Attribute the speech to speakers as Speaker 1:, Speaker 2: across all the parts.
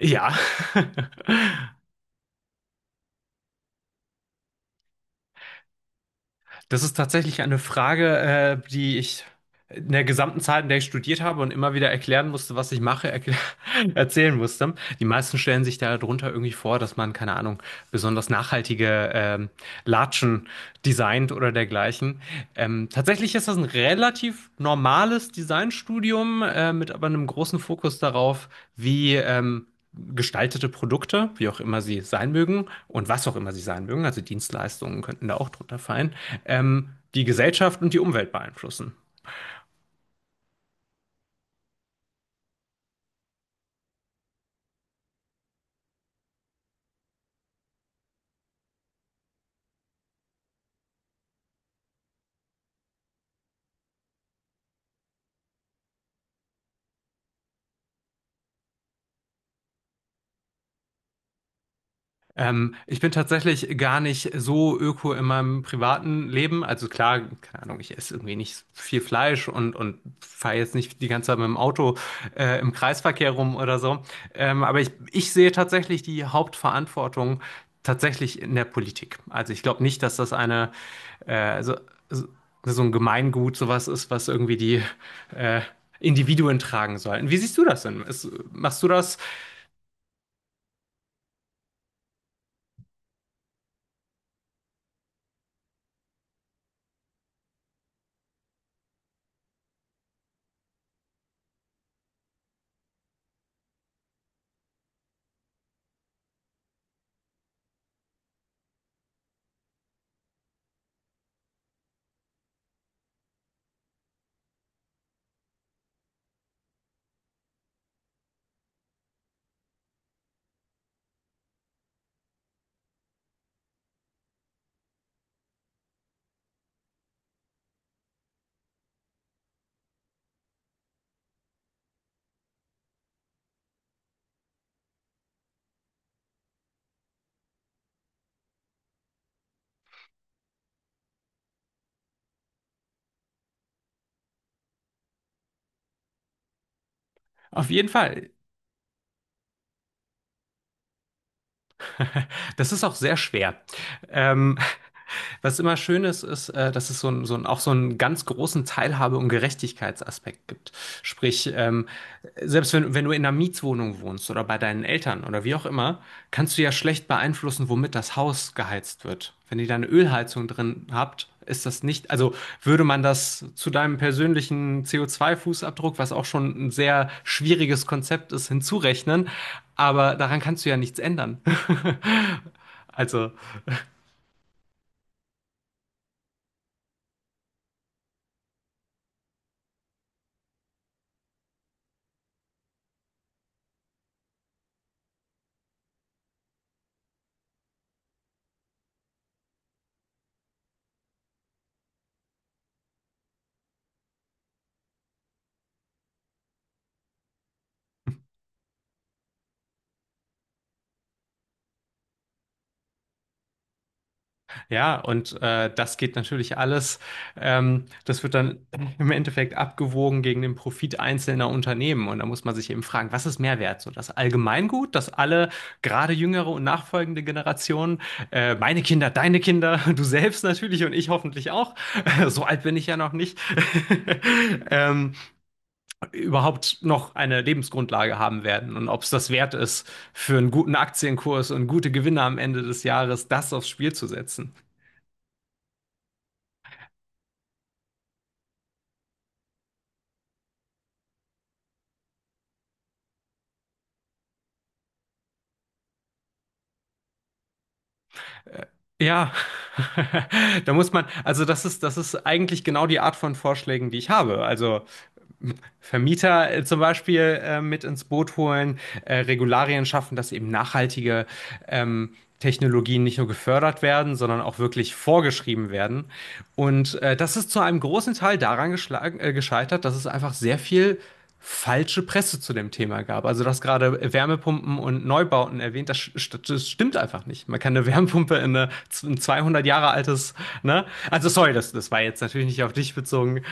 Speaker 1: Ja, das ist tatsächlich eine Frage, die ich in der gesamten Zeit, in der ich studiert habe und immer wieder erklären musste, was ich mache, erzählen musste. Die meisten stellen sich darunter irgendwie vor, dass man, keine Ahnung, besonders nachhaltige Latschen designt oder dergleichen. Tatsächlich ist das ein relativ normales Designstudium mit aber einem großen Fokus darauf, wie gestaltete Produkte, wie auch immer sie sein mögen und was auch immer sie sein mögen, also Dienstleistungen könnten da auch drunter fallen, die Gesellschaft und die Umwelt beeinflussen. Ich bin tatsächlich gar nicht so öko in meinem privaten Leben. Also klar, keine Ahnung, ich esse irgendwie nicht viel Fleisch und fahre jetzt nicht die ganze Zeit mit dem Auto im Kreisverkehr rum oder so. Aber ich sehe tatsächlich die Hauptverantwortung tatsächlich in der Politik. Also ich glaube nicht, dass das eine so, so so ein Gemeingut sowas ist, was irgendwie die äh, Individuen tragen sollten. Wie siehst du das denn? Machst du das auf jeden Fall? Das ist auch sehr schwer. Ähm, Was immer schön ist, ist, dass es auch so einen ganz großen Teilhabe- und Gerechtigkeitsaspekt gibt. Sprich, selbst wenn du in einer Mietwohnung wohnst oder bei deinen Eltern oder wie auch immer, kannst du ja schlecht beeinflussen, womit das Haus geheizt wird. Wenn ihr da eine Ölheizung drin habt, ist das nicht, also würde man das zu deinem persönlichen CO2-Fußabdruck, was auch schon ein sehr schwieriges Konzept ist, hinzurechnen, aber daran kannst du ja nichts ändern. Also, ja, und das geht natürlich alles. Das wird dann im Endeffekt abgewogen gegen den Profit einzelner Unternehmen. Und da muss man sich eben fragen, was ist Mehrwert? So das Allgemeingut, dass alle, gerade jüngere und nachfolgende Generationen, meine Kinder, deine Kinder, du selbst natürlich und ich hoffentlich auch, so alt bin ich ja noch nicht, ähm, überhaupt noch eine Lebensgrundlage haben werden. Und ob es das wert ist, für einen guten Aktienkurs und gute Gewinne am Ende des Jahres das aufs Spiel zu setzen. Äh, Ja, da muss man, also das ist eigentlich genau die Art von Vorschlägen, die ich habe. Also Vermieter zum Beispiel mit ins Boot holen, Regularien schaffen, dass eben nachhaltige ähm, Technologien nicht nur gefördert werden, sondern auch wirklich vorgeschrieben werden. Und das ist zu einem großen Teil daran geschlagen, gescheitert, dass es einfach sehr viel falsche Presse zu dem Thema gab. Also du hast gerade Wärmepumpen und Neubauten erwähnt, das stimmt einfach nicht. Man kann eine Wärmepumpe in ein 200 Jahre altes, ne? Also sorry, das war jetzt natürlich nicht auf dich bezogen.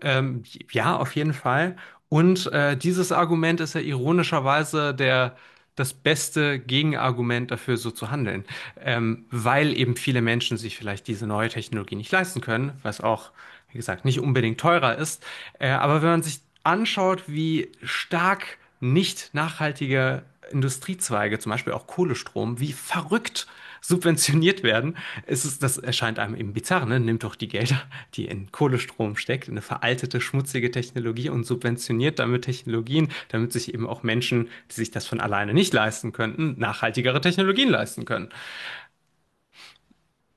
Speaker 1: Ähm, ja, auf jeden Fall. Und dieses Argument ist ja ironischerweise das beste Gegenargument dafür, so zu handeln. Weil eben viele Menschen sich vielleicht diese neue Technologie nicht leisten können, was auch, wie gesagt, nicht unbedingt teurer ist. Aber wenn man sich anschaut, wie stark nicht nachhaltige Industriezweige, zum Beispiel auch Kohlestrom, wie verrückt subventioniert werden. Es ist, das erscheint einem eben bizarr, ne? Nimmt doch die Gelder, die in Kohlestrom steckt, in eine veraltete, schmutzige Technologie und subventioniert damit Technologien, damit sich eben auch Menschen, die sich das von alleine nicht leisten könnten, nachhaltigere Technologien leisten können.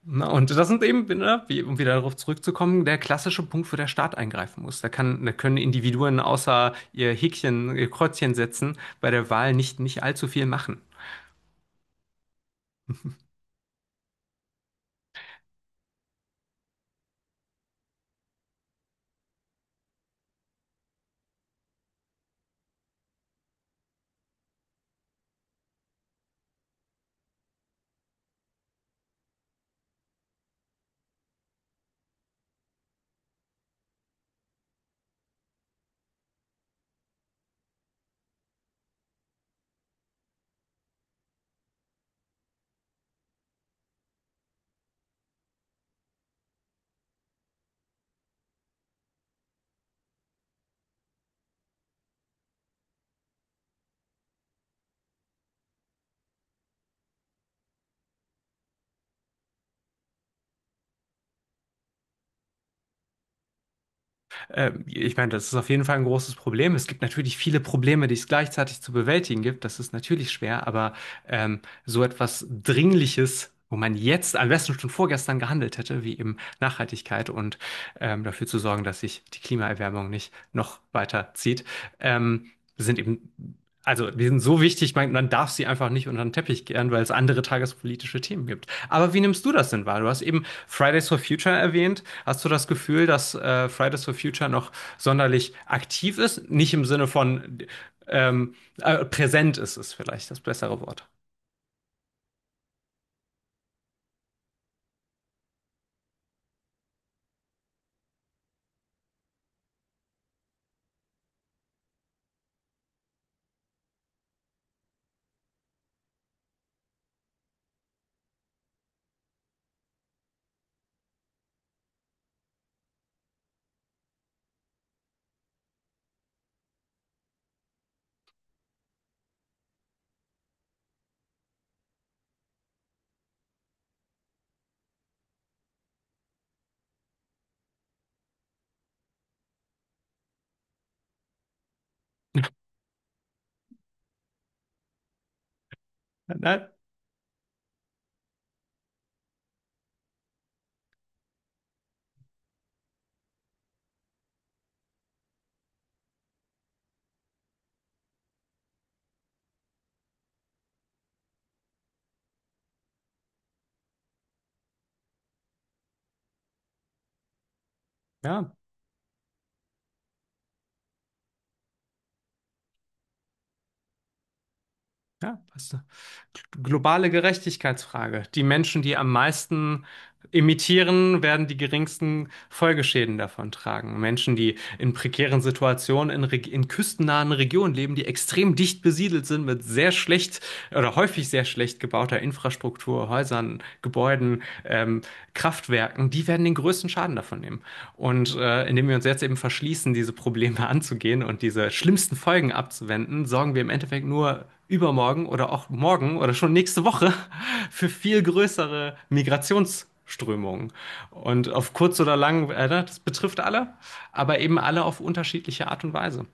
Speaker 1: Na, und das sind eben, ne, wie, um wieder darauf zurückzukommen, der klassische Punkt, wo der Staat eingreifen muss. Da können Individuen außer ihr Häkchen, ihr Kreuzchen setzen, bei der Wahl nicht allzu viel machen. Ich meine, das ist auf jeden Fall ein großes Problem. Es gibt natürlich viele Probleme, die es gleichzeitig zu bewältigen gibt. Das ist natürlich schwer, aber so etwas Dringliches, wo man jetzt am besten schon vorgestern gehandelt hätte, wie eben Nachhaltigkeit und dafür zu sorgen, dass sich die Klimaerwärmung nicht noch weiter zieht, ähm, sind eben, also die sind so wichtig, man darf sie einfach nicht unter den Teppich kehren, weil es andere tagespolitische Themen gibt. Aber wie nimmst du das denn wahr? Du hast eben Fridays for Future erwähnt. Hast du das Gefühl, dass Fridays for Future noch sonderlich aktiv ist? Nicht im Sinne von ähm, präsent ist es vielleicht das bessere Wort. Nein, ja. Ja, passt. Globale Gerechtigkeitsfrage. Die Menschen, die am meisten emittieren, werden die geringsten Folgeschäden davon tragen. Menschen, die in prekären Situationen in küstennahen Regionen leben, die extrem dicht besiedelt sind mit sehr schlecht oder häufig sehr schlecht gebauter Infrastruktur, Häusern, Gebäuden, Kraftwerken, die werden den größten Schaden davon nehmen. Und indem wir uns jetzt eben verschließen, diese Probleme anzugehen und diese schlimmsten Folgen abzuwenden, sorgen wir im Endeffekt nur übermorgen oder auch morgen oder schon nächste Woche für viel größere Migrationsströmungen. Und auf kurz oder lang, das betrifft alle, aber eben alle auf unterschiedliche Art und Weise.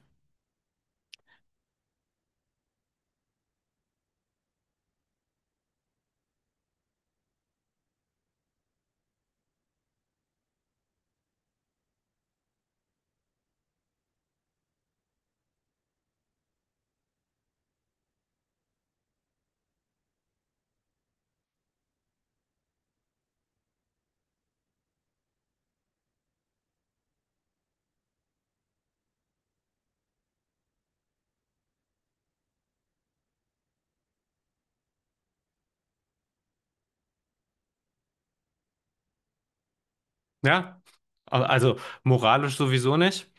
Speaker 1: Ja, also moralisch sowieso nicht.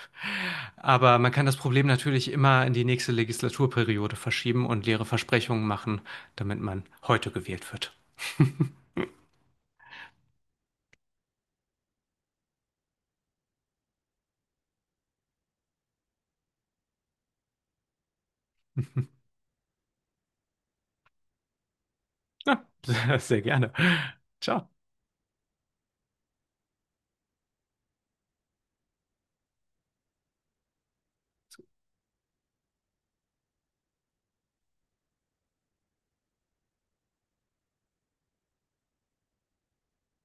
Speaker 1: Aber man kann das Problem natürlich immer in die nächste Legislaturperiode verschieben und leere Versprechungen machen, damit man heute gewählt wird. Ja, sehr gerne. Ciao.